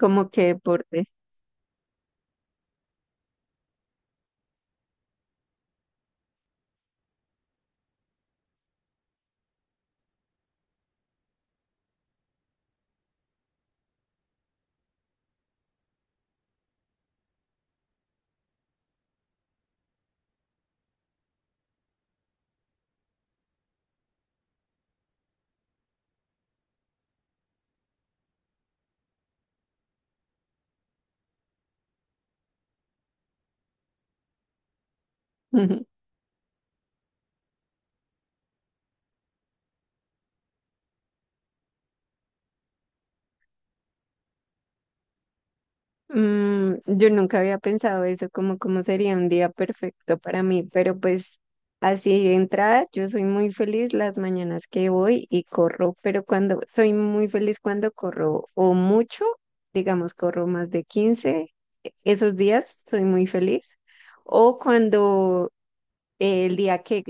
Como qué deporte. Yo nunca había pensado eso, como cómo sería un día perfecto para mí, pero pues así de entrada, yo soy muy feliz las mañanas que voy y corro, pero cuando soy muy feliz cuando corro o mucho, digamos, corro más de 15, esos días soy muy feliz, o cuando el día que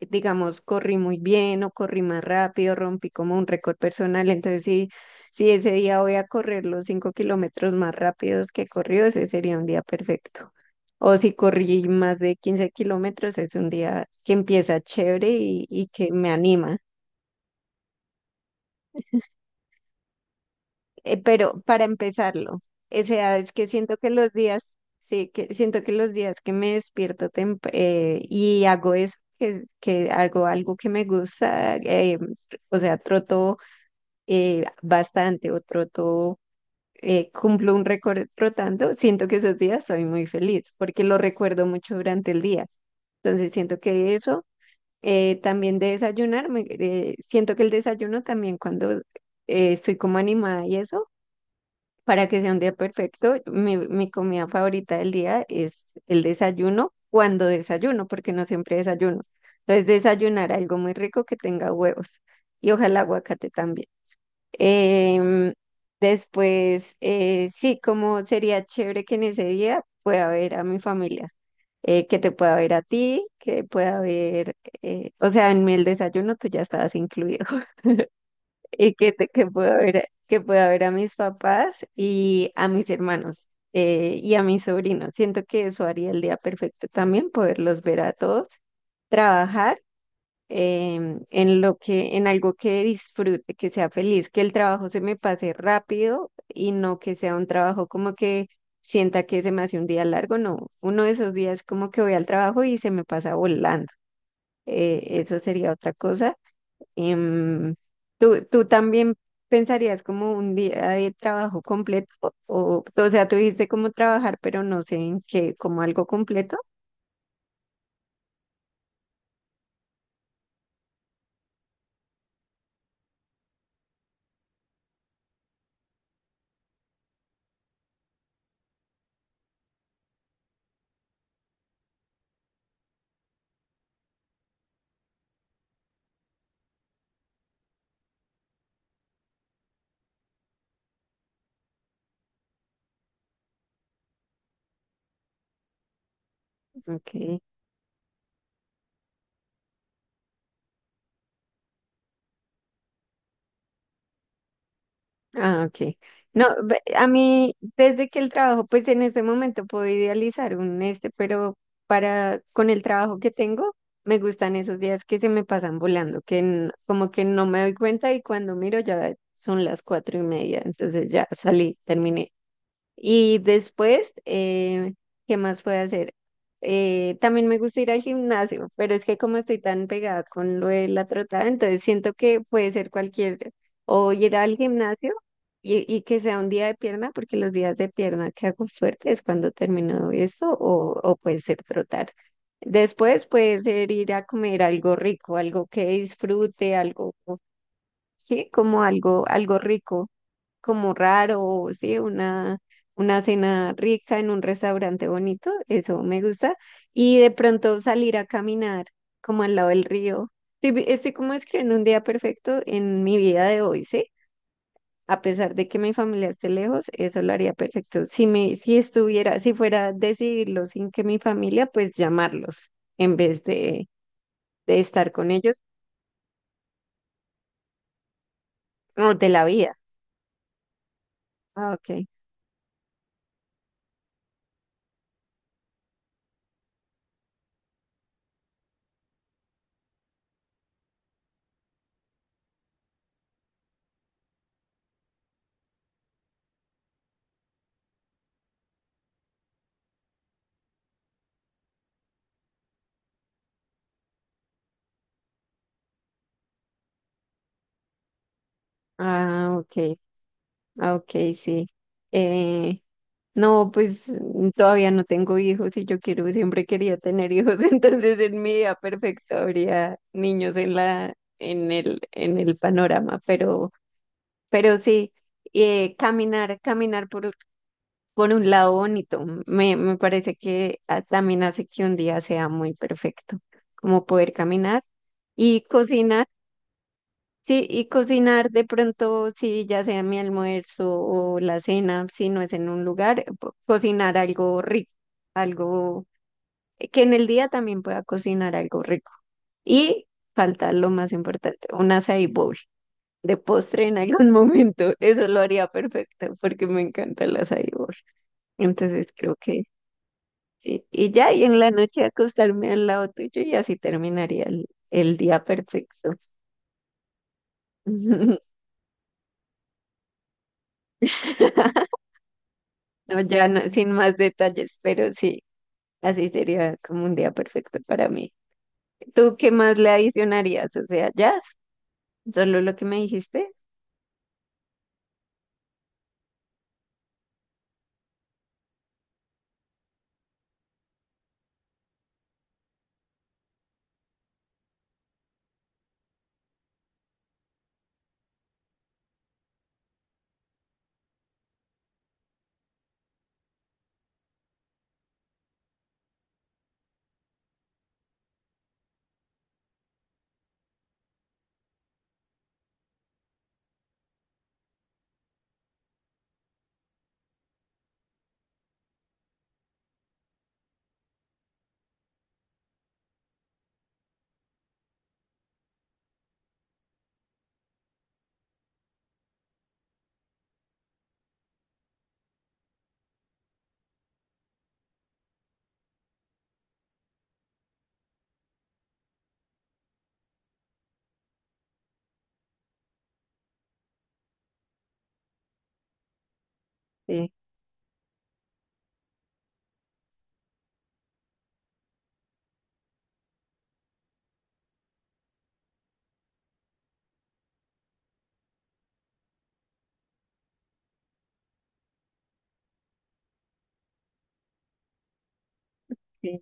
digamos, corrí muy bien o corrí más rápido, rompí como un récord personal. Entonces, si ese día voy a correr los 5 kilómetros más rápidos que corrió, ese sería un día perfecto. O si corrí más de 15 kilómetros, es un día que empieza chévere y que me anima. Pero para empezarlo, o sea, es que siento que los días que me despierto y hago eso, que hago algo que me gusta, o sea, troto bastante o troto, cumplo un récord trotando, siento que esos días soy muy feliz porque lo recuerdo mucho durante el día. Entonces siento que eso, también de desayunar, siento que el desayuno también cuando estoy como animada y eso, para que sea un día perfecto, mi comida favorita del día es el desayuno cuando desayuno, porque no siempre desayuno. Entonces desayunar algo muy rico que tenga huevos y ojalá aguacate también. Em, Después, sí, como sería chévere que en ese día pueda ver a mi familia, que te pueda ver a ti, que pueda ver, o sea, en el desayuno tú ya estabas incluido, que pueda ver, que pueda ver a mis papás y a mis hermanos. Y a mis sobrinos. Siento que eso haría el día perfecto también, poderlos ver a todos, trabajar en lo que, en algo que disfrute, que sea feliz, que el trabajo se me pase rápido y no que sea un trabajo como que sienta que se me hace un día largo, no, uno de esos días como que voy al trabajo y se me pasa volando. Eso sería otra cosa. Em, ¿tú tú también pensarías como un día de trabajo completo? O sea, tú dijiste como trabajar, pero no sé en qué, como algo completo. Ok. Ah, ok. No, a mí, desde que el trabajo, pues en ese momento puedo idealizar un este, pero para, con el trabajo que tengo, me gustan esos días que se me pasan volando, que como que no me doy cuenta y cuando miro ya son las 4:30, entonces ya salí, terminé. Y después, ¿qué más puedo hacer? También me gusta ir al gimnasio, pero es que como estoy tan pegada con lo de la trotada, entonces siento que puede ser cualquier, o ir al gimnasio y que sea un día de pierna, porque los días de pierna que hago fuerte es cuando termino esto, o puede ser trotar. Después puede ser ir a comer algo rico, algo que disfrute, algo, sí, como algo, algo rico como raro, sí, una cena rica en un restaurante bonito, eso me gusta. Y de pronto salir a caminar como al lado del río. Estoy como escribiendo un día perfecto en mi vida de hoy, ¿sí? A pesar de que mi familia esté lejos, eso lo haría perfecto. Si estuviera, si fuera a decidirlo sin que mi familia, pues llamarlos en vez de estar con ellos o de la vida. Ah, ok. Ah, ok. Ah, ok, sí. Eh, No, pues todavía no tengo hijos y yo quiero, siempre quería tener hijos, entonces en mi vida perfecta habría niños en en en el panorama, pero sí, caminar, caminar por un lado bonito, me parece que también hace que un día sea muy perfecto, como poder caminar y cocinar. Sí, y cocinar de pronto, sí, ya sea mi almuerzo o la cena, si no es en un lugar, cocinar algo rico, algo que en el día también pueda cocinar algo rico. Y falta lo más importante, un açaí bowl de postre en algún momento. Eso lo haría perfecto porque me encanta el açaí bowl. Entonces creo que sí. Y ya, y en la noche acostarme al lado tuyo y así terminaría el día perfecto. No, ya no, sin más detalles, pero sí, así sería como un día perfecto para mí. ¿Tú qué más le adicionarías? O sea, ya, solo lo que me dijiste. Sí, sí.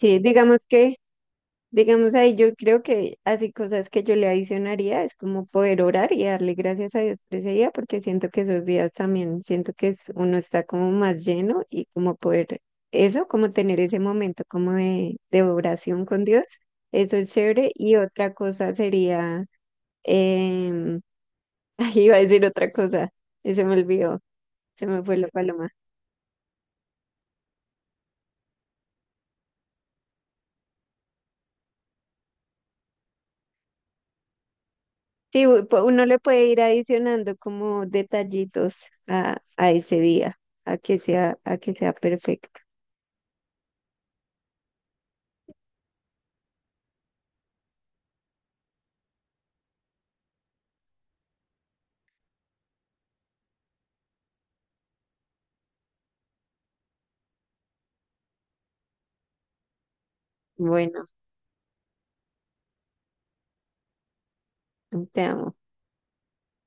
Sí, digamos ahí, yo creo que así cosas que yo le adicionaría es como poder orar y darle gracias a Dios por ese día, porque siento que esos días también, siento que es, uno está como más lleno y como poder eso, como tener ese momento como de oración con Dios. Eso es chévere. Y otra cosa sería Eh, iba a decir otra cosa y se me olvidó, se me fue la paloma. Sí, uno le puede ir adicionando como detallitos a ese día, a que sea perfecto. Bueno, te amo.